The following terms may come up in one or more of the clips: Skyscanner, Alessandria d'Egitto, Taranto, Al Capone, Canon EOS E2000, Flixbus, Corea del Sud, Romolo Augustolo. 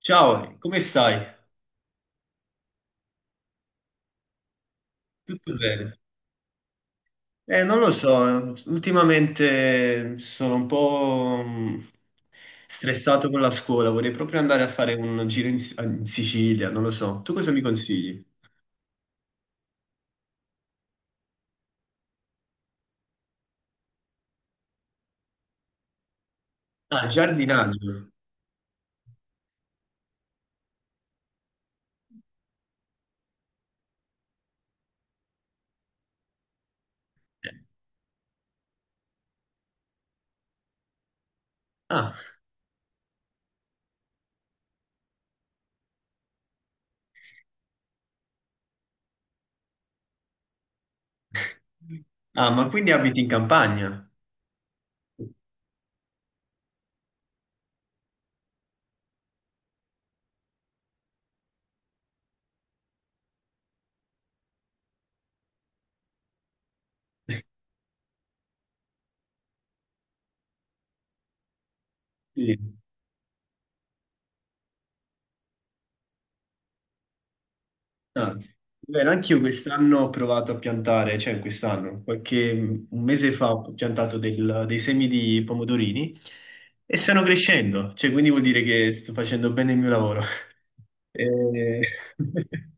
Ciao, come stai? Tutto bene? Non lo so, ultimamente sono un po' stressato con la scuola, vorrei proprio andare a fare un giro in Sicilia, non lo so. Tu cosa mi consigli? Ah, giardinaggio. Eh. Ah. Ah, ma quindi abiti in campagna? Sì. Ah, bene, anch'io quest'anno ho provato a piantare, cioè quest'anno, qualche un mese fa ho piantato dei semi di pomodorini e stanno crescendo, cioè quindi vuol dire che sto facendo bene il mio lavoro. E-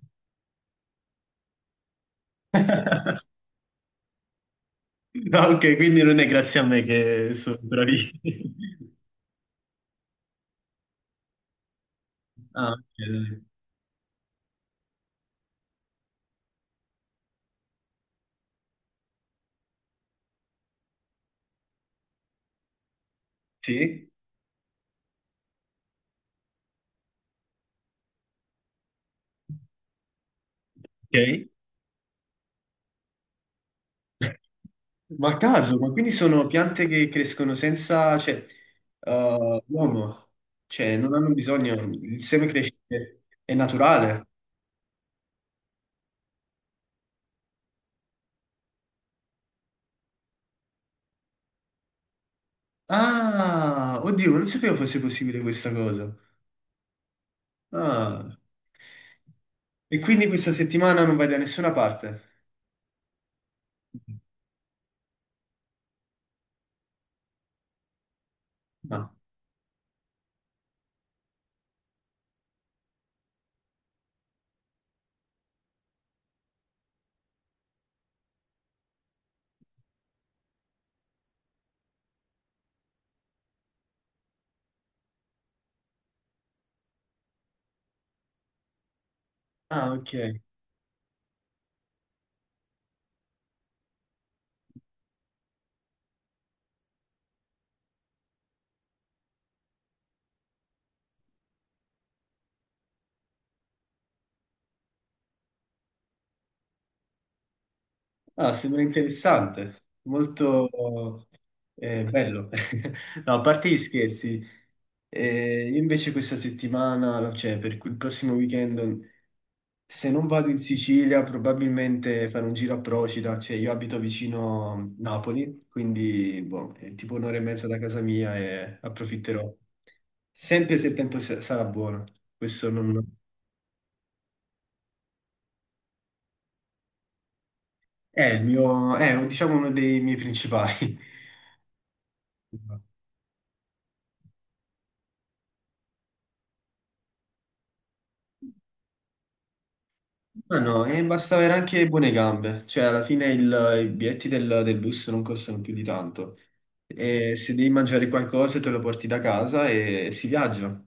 No, ok, quindi non è grazie a me che sono bravi. Ah, ok, dai. Sì, ok. Ma a caso, ma quindi sono piante che crescono senza, cioè, l'uomo, cioè, non hanno bisogno, il seme cresce, è naturale. Ah, oddio, non sapevo fosse possibile questa cosa. Ah, e quindi questa settimana non vai da nessuna parte? No. Ah, ok. Ah, sembra interessante, molto bello. No, a parte gli scherzi, io invece questa settimana, cioè per il prossimo weekend, se non vado in Sicilia, probabilmente farò un giro a Procida, cioè io abito vicino Napoli, quindi boh, è tipo un'ora e mezza da casa mia e approfitterò. Sempre se il tempo sarà buono, questo non... è il mio, è diciamo uno dei miei principali. No, no, e basta avere anche buone gambe, cioè alla fine i biglietti del bus non costano più di tanto e se devi mangiare qualcosa te lo porti da casa e si viaggia.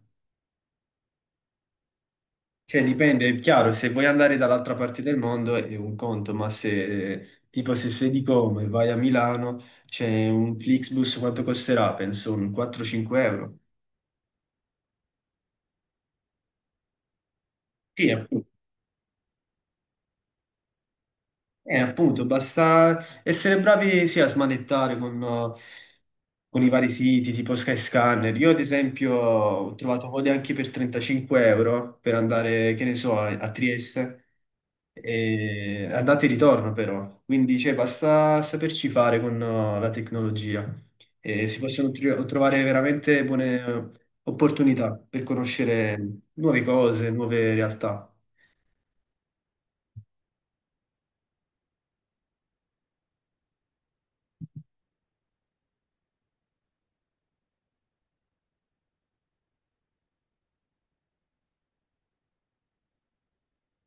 Cioè dipende, è chiaro, se vuoi andare dall'altra parte del mondo è un conto, ma se tipo se sei di Como e vai a Milano c'è un Flixbus, quanto costerà? Penso un 4-5 euro. Sì, appunto. Appunto, basta essere bravi sia a smanettare con i vari siti tipo Skyscanner. Io, ad esempio, ho trovato code anche per 35 euro per andare, che ne so, a Trieste, e andate e ritorno però. Quindi, cioè, basta saperci fare con la tecnologia e si possono trovare veramente buone opportunità per conoscere nuove cose, nuove realtà.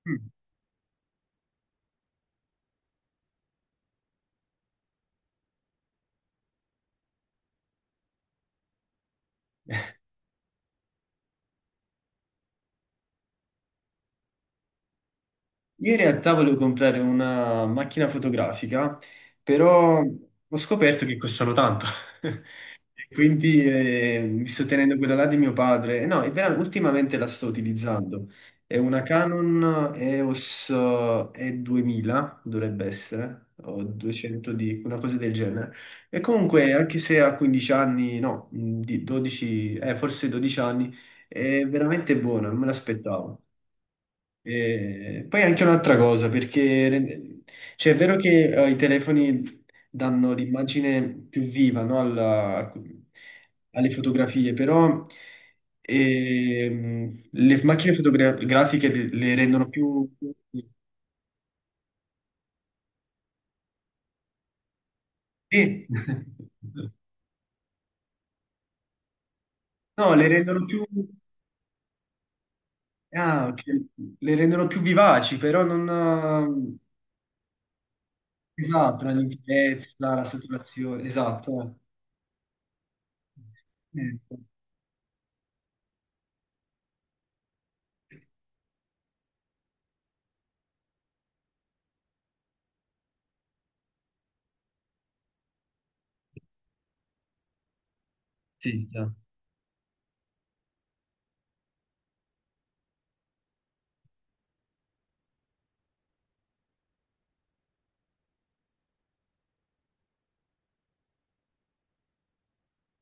Mm. Io in realtà volevo comprare una macchina fotografica, però ho scoperto che costano tanto. Quindi mi sto tenendo quella là di mio padre. No, ultimamente la sto utilizzando. È una Canon EOS E2000, dovrebbe essere, o 200 di una cosa del genere. E comunque, anche se ha 15 anni, no, di 12, forse 12 anni, è veramente buona, non me l'aspettavo. E poi anche un'altra cosa, perché cioè, è vero che i telefoni danno l'immagine più viva, no, alle fotografie, però le macchine fotografiche le rendono più... Sì. No, le rendono più... ah, ok. Le rendono più vivaci, però non... Esatto, la limpidezza, la saturazione, esatto. eh. Eh, Sì,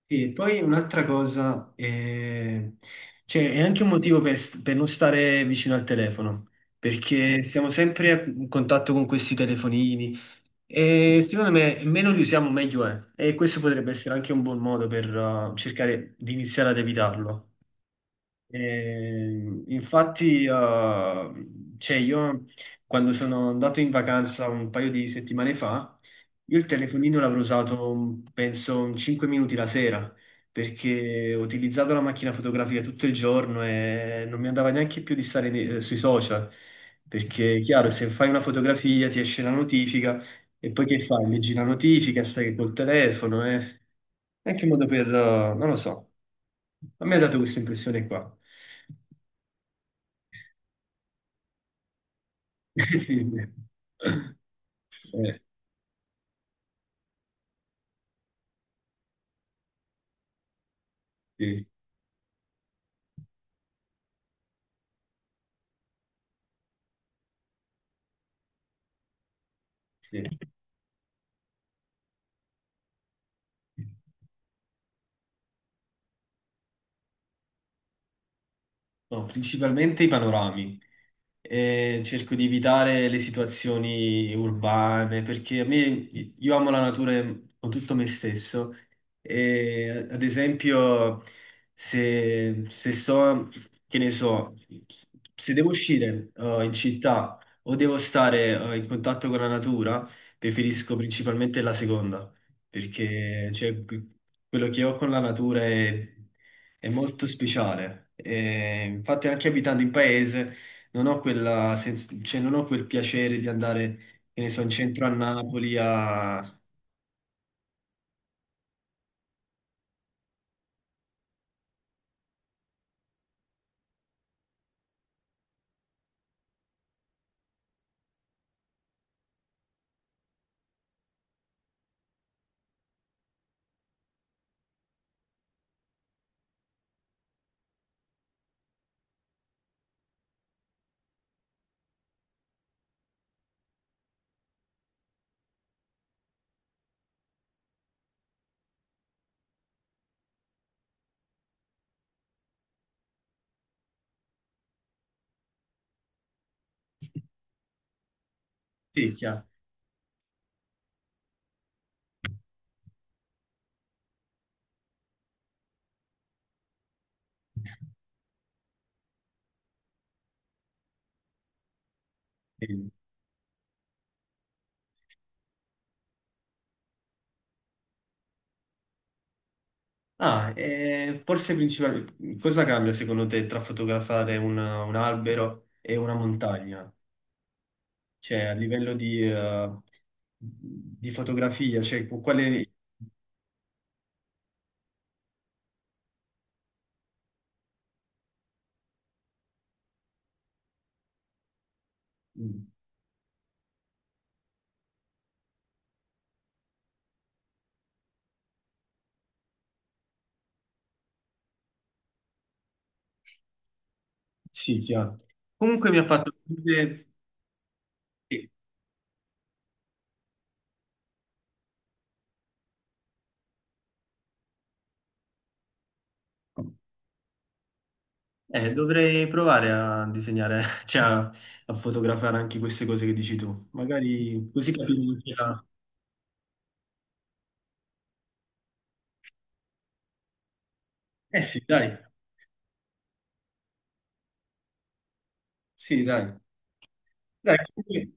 sì, poi un'altra cosa, cioè, è anche un motivo per non stare vicino al telefono, perché siamo sempre in contatto con questi telefonini e secondo me meno li usiamo meglio è, e questo potrebbe essere anche un buon modo per cercare di iniziare ad evitarlo. Infatti, cioè io quando sono andato in vacanza un paio di settimane fa, io il telefonino l'avrò usato penso 5 minuti la sera perché ho utilizzato la macchina fotografica tutto il giorno e non mi andava neanche più di stare sui social perché, chiaro, se fai una fotografia ti esce la notifica e poi che fai? Leggi la notifica, stai col telefono, eh? È anche un modo per... non lo so. A me ha dato questa impressione qua. Sì, sì. Eh, sì, sì. No, principalmente i panorami. E cerco di evitare le situazioni urbane perché a me io amo la natura con tutto me stesso e ad esempio se so che ne so se devo uscire in città o devo stare in contatto con la natura preferisco principalmente la seconda perché cioè, quello che ho con la natura è molto speciale. E infatti anche abitando in paese non ho quella cioè, non ho quel piacere di andare, che ne so, in centro a Napoli a Tecchia. Ah, forse principalmente cosa cambia secondo te tra fotografare un albero e una montagna? Cioè, a livello di fotografia, cioè, con quale... Mm, sì, chiaro. Comunque mi ha fatto... piacere- sì. Dovrei provare a disegnare, cioè a fotografare anche queste cose che dici tu. Magari così capiamo chi ha- Eh sì, dai, sì, dai. Dai, comunque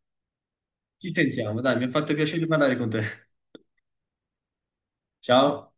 ci sentiamo, dai, mi ha fatto piacere parlare con te. Ciao.